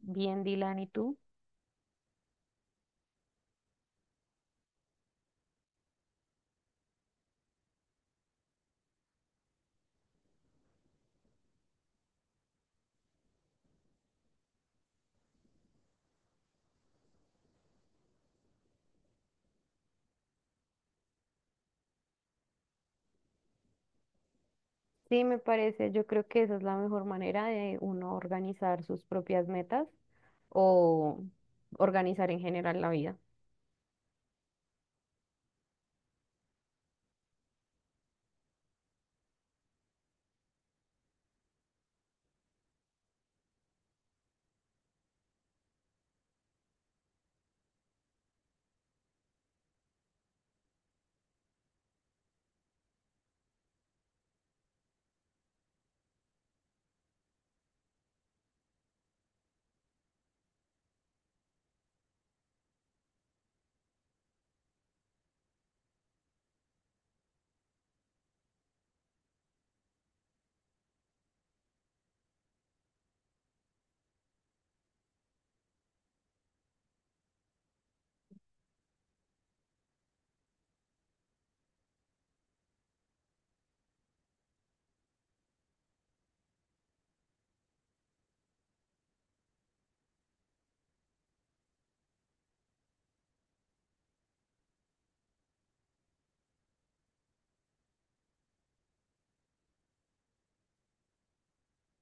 Bien, Dylan, ¿y tú? Sí, me parece. Yo creo que esa es la mejor manera de uno organizar sus propias metas o organizar en general la vida.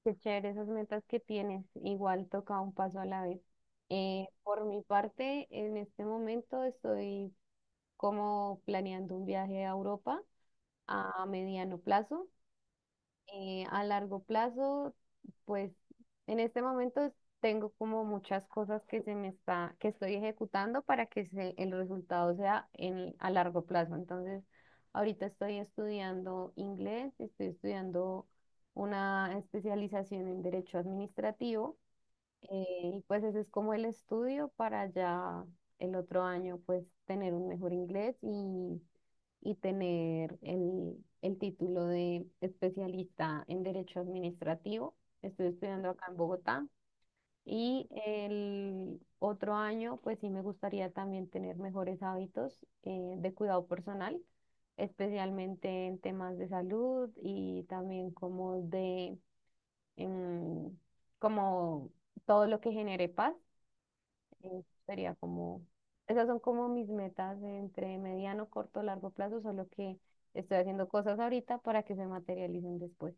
Qué chévere esas metas que tienes. Igual toca un paso a la vez. Por mi parte, en este momento estoy como planeando un viaje a Europa a mediano plazo. A largo plazo, pues en este momento tengo como muchas cosas que se me está, que estoy ejecutando para que se- el resultado sea en, a largo plazo. Entonces, ahorita estoy estudiando inglés, estoy estudiando una especialización en derecho administrativo y pues ese es como el estudio para ya el otro año pues tener un mejor inglés y tener el título de especialista en derecho administrativo. Estoy estudiando acá en Bogotá y el otro año pues sí me gustaría también tener mejores hábitos de cuidado personal, especialmente en temas de salud y también como de em, como todo lo que genere paz, sería como, esas son como mis metas entre mediano, corto, largo plazo, solo que estoy haciendo cosas ahorita para que se materialicen después.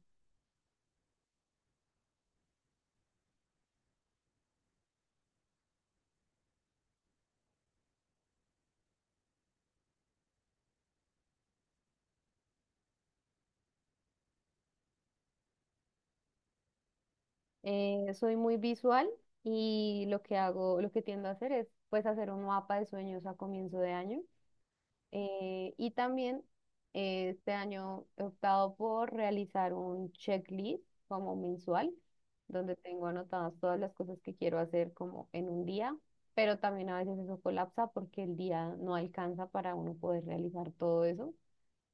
Soy muy visual y lo que hago, lo que tiendo a hacer es pues hacer un mapa de sueños a comienzo de año. Y también este año he optado por realizar un checklist como mensual, donde tengo anotadas todas las cosas que quiero hacer como en un día, pero también a veces eso colapsa porque el día no alcanza para uno poder realizar todo eso.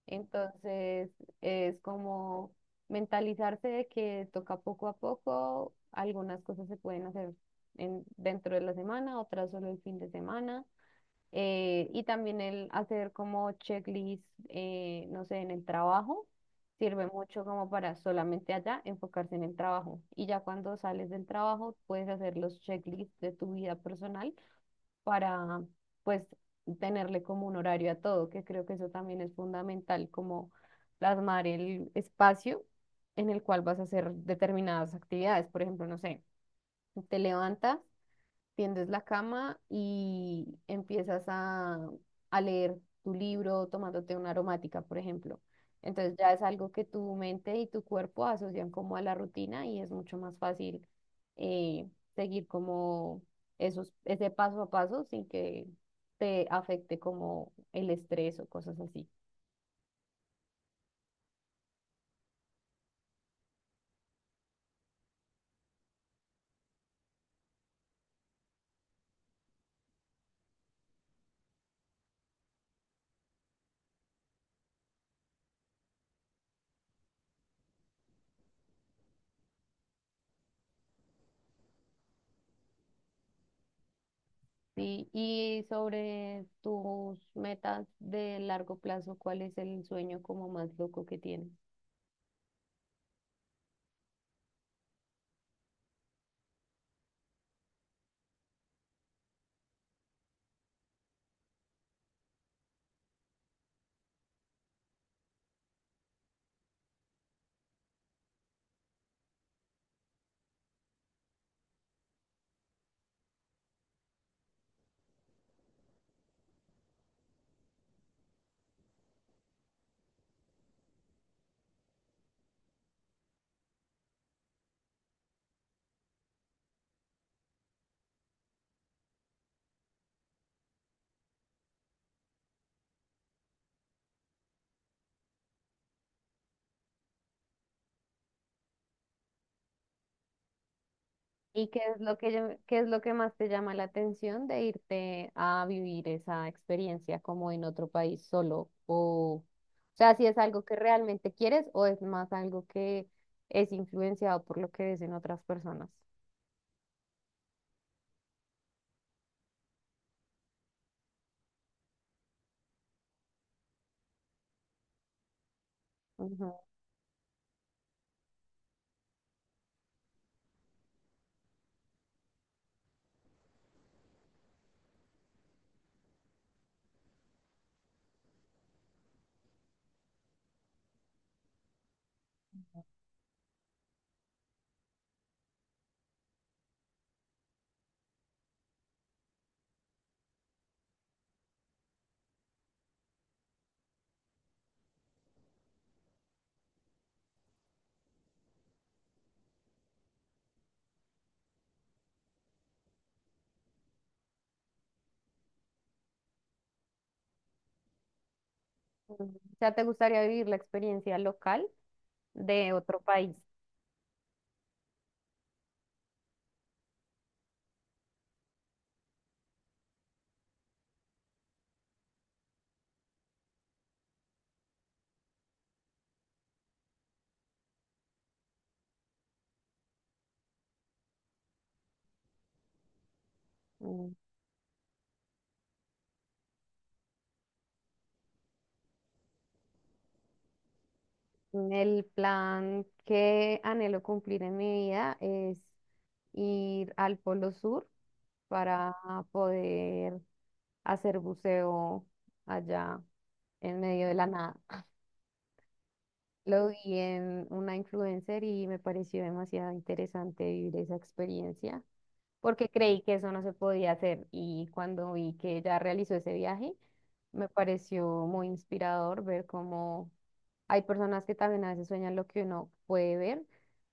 Entonces es como mentalizarse de que toca poco a poco, algunas cosas se pueden hacer en, dentro de la semana, otras solo el fin de semana y también el hacer como checklist, no sé, en el trabajo, sirve mucho como para solamente allá enfocarse en el trabajo. Y ya cuando sales del trabajo, puedes hacer los checklists de tu vida personal para, pues, tenerle como un horario a todo, que creo que eso también es fundamental, como plasmar el espacio en el cual vas a hacer determinadas actividades. Por ejemplo, no sé, te levantas tiendes la cama y empiezas a leer tu libro tomándote una aromática, por ejemplo. Entonces ya es algo que tu mente y tu cuerpo asocian como a la rutina y es mucho más fácil eh, seguir como esos, ese paso a paso sin que te afecte como el estrés o cosas así. Sí, y sobre tus metas de largo plazo, ¿cuál es el sueño como más loco que tienes? ¿Y qué es lo que, qué es lo que más te llama la atención de irte a vivir esa experiencia como en otro país solo? O sea, si es algo que realmente quieres o es más algo que es influenciado por lo que ves en otras personas. Ujú, ujú. O sea, ¿te gustaría vivir la experiencia local de otro país? Mm, el plan que anhelo cumplir en mi vida es ir al Polo Sur para poder hacer buceo allá en medio de la nada. Lo vi en una influencer y me pareció demasiado interesante vivir esa experiencia porque creí que eso no se podía hacer y cuando vi que ella realizó ese viaje, me pareció muy inspirador ver cómo hay personas que también a veces sueñan lo que uno puede ver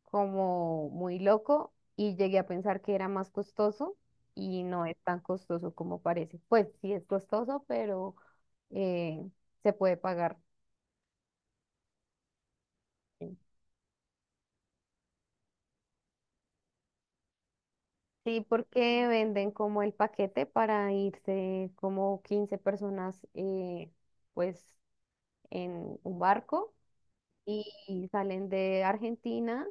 como muy loco y llegué a pensar que era más costoso y no es tan costoso como parece. Pues sí es costoso, pero eh, se puede pagar. Sí, sí, porque venden como el paquete para irse como 15 personas, pues en un barco y salen de Argentina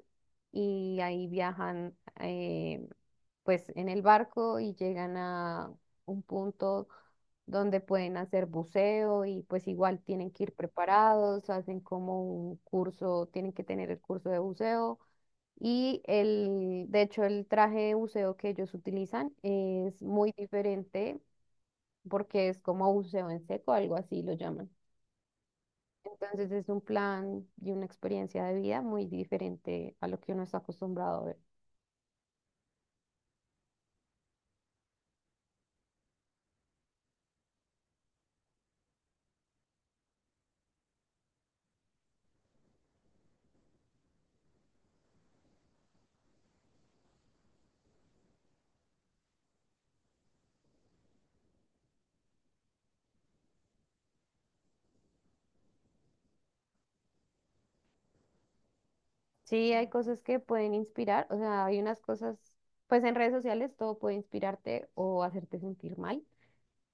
y ahí viajan pues en el barco y llegan a un punto donde pueden hacer buceo y pues igual tienen que ir preparados, hacen como un curso, tienen que tener el curso de buceo. De hecho, el traje de buceo que ellos utilizan es muy diferente porque es como buceo en seco, algo así lo llaman. Entonces es un plan y una experiencia de vida muy diferente a lo que uno está acostumbrado a ver. Sí, hay cosas que pueden inspirar, o sea, hay unas cosas, pues en redes sociales todo puede inspirarte o hacerte sentir mal,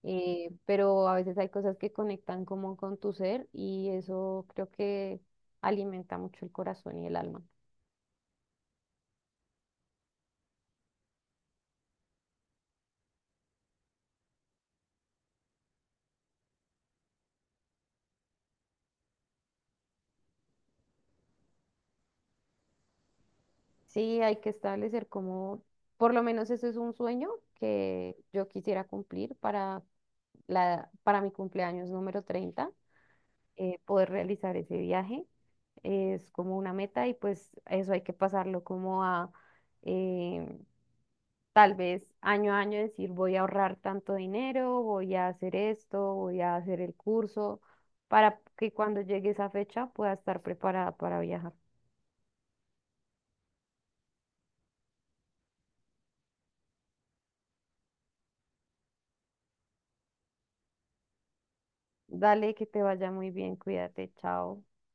pero a veces hay cosas que conectan como con tu ser y eso creo que alimenta mucho el corazón y el alma. Sí, hay que establecer como, por lo menos ese es un sueño que yo quisiera cumplir para, la, para mi cumpleaños número 30, poder realizar ese viaje. Es como una meta y pues eso hay que pasarlo como a eh, tal vez año a año decir voy a ahorrar tanto dinero, voy a hacer esto, voy a hacer el curso, para que cuando llegue esa fecha pueda estar preparada para viajar. Dale, que te vaya muy bien, cuídate, chao.